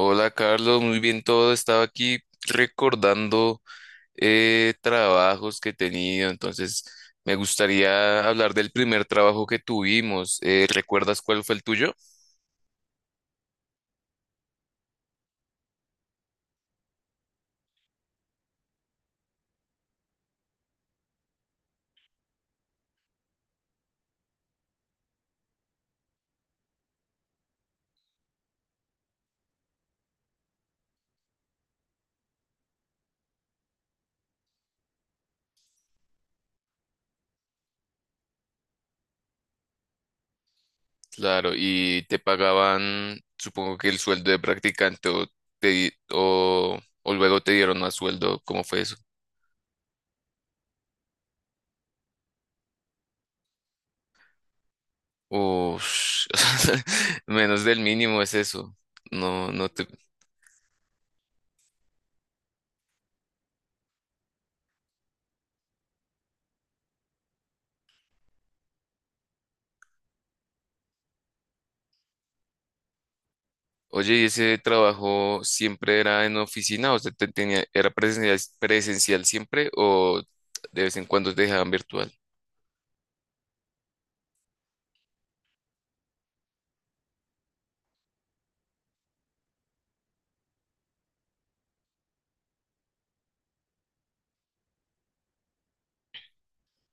Hola Carlos, muy bien todo. Estaba aquí recordando trabajos que he tenido. Entonces me gustaría hablar del primer trabajo que tuvimos. ¿Recuerdas cuál fue el tuyo? Claro, y te pagaban, supongo que el sueldo de practicante o luego te dieron más sueldo. ¿Cómo fue eso? Ush, menos del mínimo es eso. No, no te... Oye, ¿y ese trabajo siempre era en oficina? ¿O sea, tenía, era presencial, presencial siempre o de vez en cuando te dejaban virtual?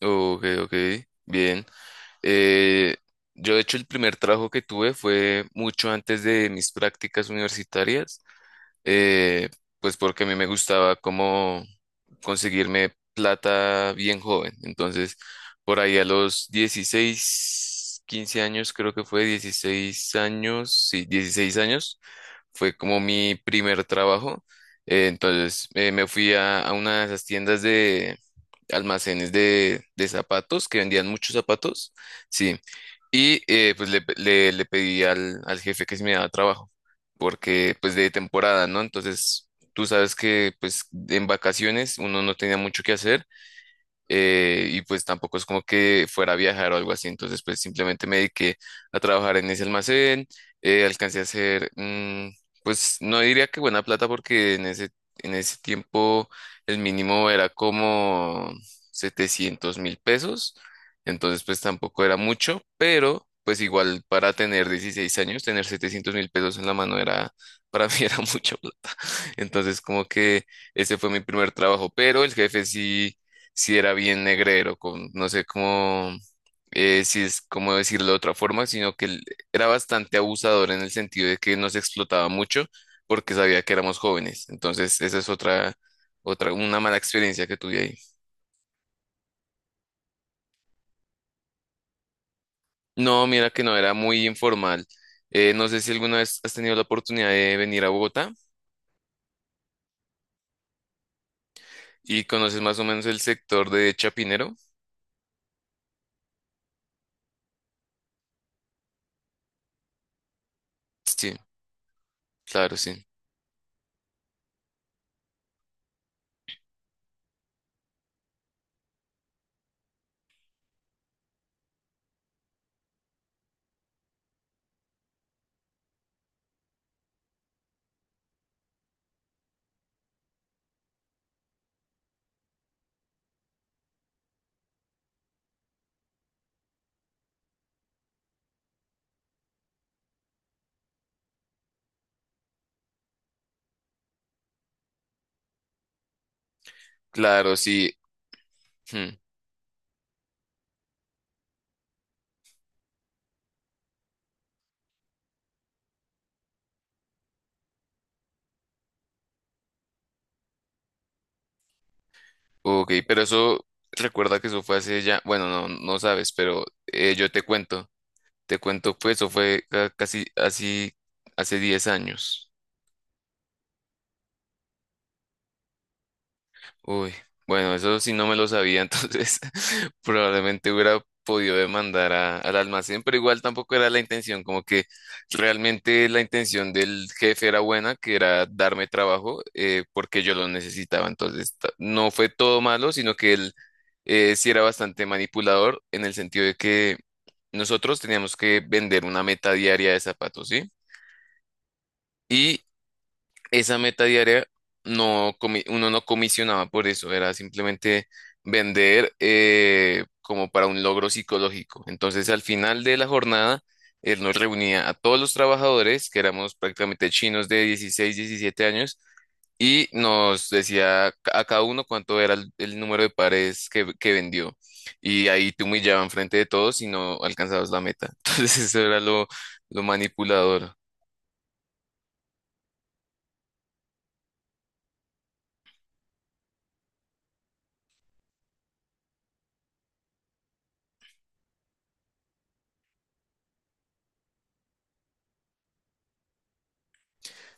Ok, ok, bien. Eh, yo, de hecho, el primer trabajo que tuve fue mucho antes de mis prácticas universitarias, eh, pues porque a mí me gustaba como conseguirme plata bien joven. Entonces, por ahí a los 16, 15 años, creo que fue 16 años, sí, 16 años, fue como mi primer trabajo. Entonces, me fui a una de esas tiendas, almacenes de zapatos, que vendían muchos zapatos, sí. Y pues le pedí al jefe que si me daba trabajo, porque pues de temporada, ¿no? Entonces, tú sabes que pues en vacaciones uno no tenía mucho que hacer, y pues tampoco es como que fuera a viajar o algo así. Entonces pues simplemente me dediqué a trabajar en ese almacén. Alcancé a hacer, pues no diría que buena plata, porque en en ese tiempo el mínimo era como 700.000 pesos. Entonces pues tampoco era mucho, pero pues igual para tener 16 años, tener 700.000 pesos en la mano era, para mí, era mucha plata. Entonces, como que ese fue mi primer trabajo, pero el jefe sí, si era bien negrero, con, no sé cómo, si es cómo decirlo de otra forma, sino que él era bastante abusador en el sentido de que nos explotaba mucho porque sabía que éramos jóvenes. Entonces, esa es una mala experiencia que tuve ahí. No, mira que no, era muy informal. No sé si alguna vez has tenido la oportunidad de venir a Bogotá y conoces más o menos el sector de Chapinero. Sí, claro, sí. Claro, sí. Hmm. Ok, pero eso, recuerda que eso fue hace ya, bueno, no, no sabes, pero yo te cuento, pues eso fue casi así hace 10 años. Uy, bueno, eso sí no me lo sabía. Entonces probablemente hubiera podido demandar al almacén, pero igual tampoco era la intención, como que realmente la intención del jefe era buena, que era darme trabajo, porque yo lo necesitaba. Entonces no fue todo malo, sino que él, sí era bastante manipulador en el sentido de que nosotros teníamos que vender una meta diaria de zapatos, ¿sí? Esa meta diaria no uno no comisionaba por eso, era simplemente vender, como para un logro psicológico. Entonces, al final de la jornada, él nos reunía a todos los trabajadores, que éramos prácticamente chinos de 16, 17 años, y nos decía a cada uno cuánto era el número de pares que vendió. Y ahí te humillaban frente de todos y no alcanzabas la meta. Entonces, eso era lo manipulador.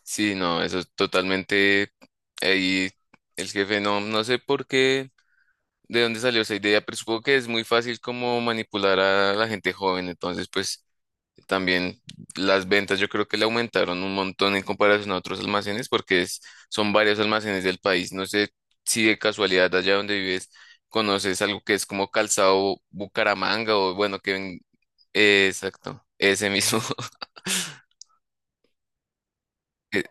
Sí, no, eso es totalmente... Ahí el jefe no, no sé por qué, de dónde salió esa idea, pero supongo que es muy fácil como manipular a la gente joven. Entonces pues también las ventas yo creo que le aumentaron un montón en comparación a otros almacenes, porque es, son varios almacenes del país. No sé si de casualidad allá donde vives conoces algo que es como Calzado Bucaramanga o bueno, que ven-... Exacto, ese mismo. eh,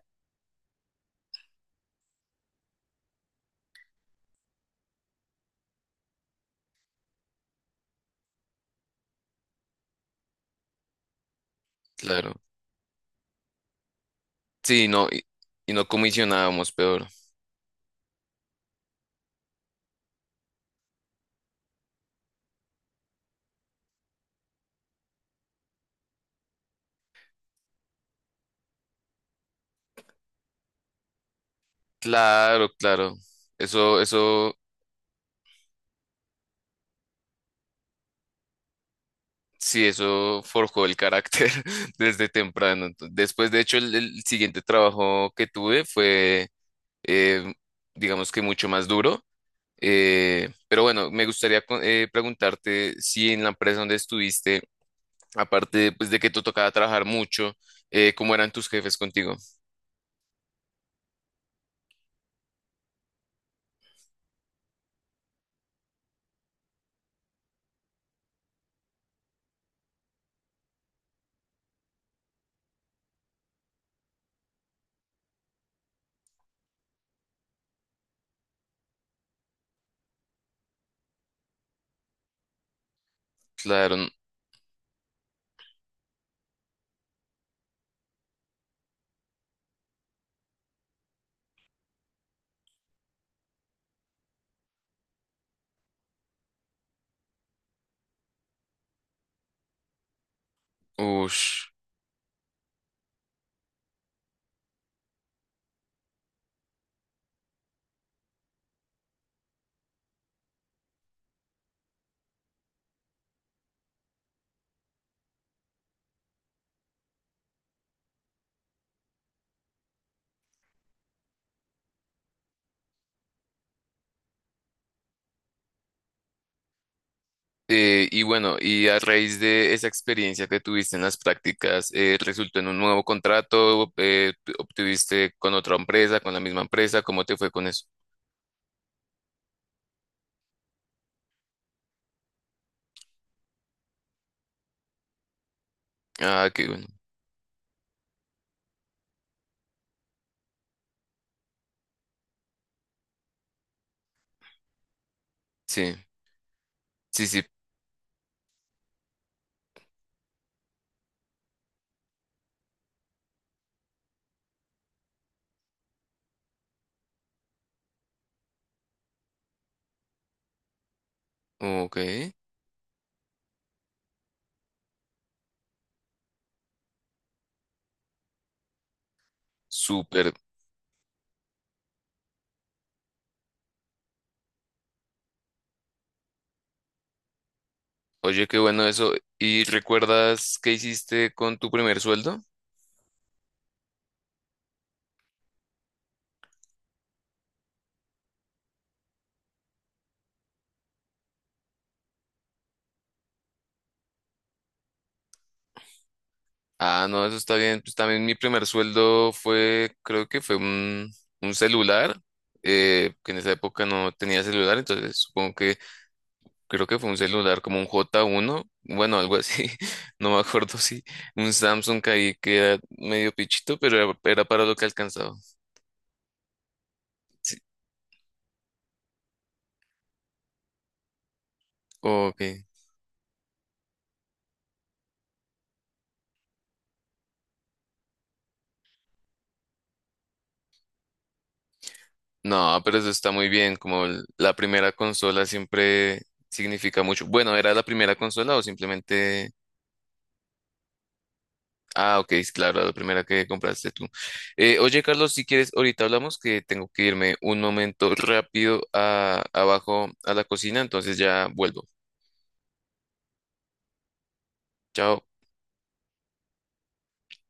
claro, sí, no, y no comisionábamos peor. Claro, claro. Eso, eso, sí, eso forjó el carácter desde temprano. Entonces, después, de hecho, el siguiente trabajo que tuve fue, eh, digamos que mucho más duro. Pero bueno, me gustaría preguntarte si en la empresa donde estuviste, aparte pues de que te tocaba trabajar mucho, ¿cómo eran tus jefes contigo? Claro. Uff. Y bueno, y a raíz de esa experiencia que tuviste en las prácticas, ¿resultó en un nuevo contrato? ¿Obtuviste con otra empresa, con la misma empresa? ¿Cómo te fue con eso? Ah, qué bueno. Sí, sí, sí. Ok, súper. Oye, qué bueno eso. ¿Y recuerdas qué hiciste con tu primer sueldo? Ah, no, eso está bien. Pues también mi primer sueldo fue, creo que fue un celular, que en esa época no tenía celular, entonces supongo que... Creo que fue un celular como un J1, bueno, algo así, no me acuerdo, si un Samsung ahí que era medio pichito, pero era, era para lo que alcanzaba. Sí, ok. No, pero eso está muy bien, como la primera consola siempre significa mucho. Bueno, ¿era la primera consola o simplemente... Ah, ok, es claro, la primera que compraste tú. Oye, Carlos, si quieres, ahorita hablamos, que tengo que irme un momento rápido abajo a la cocina, entonces ya vuelvo. Chao.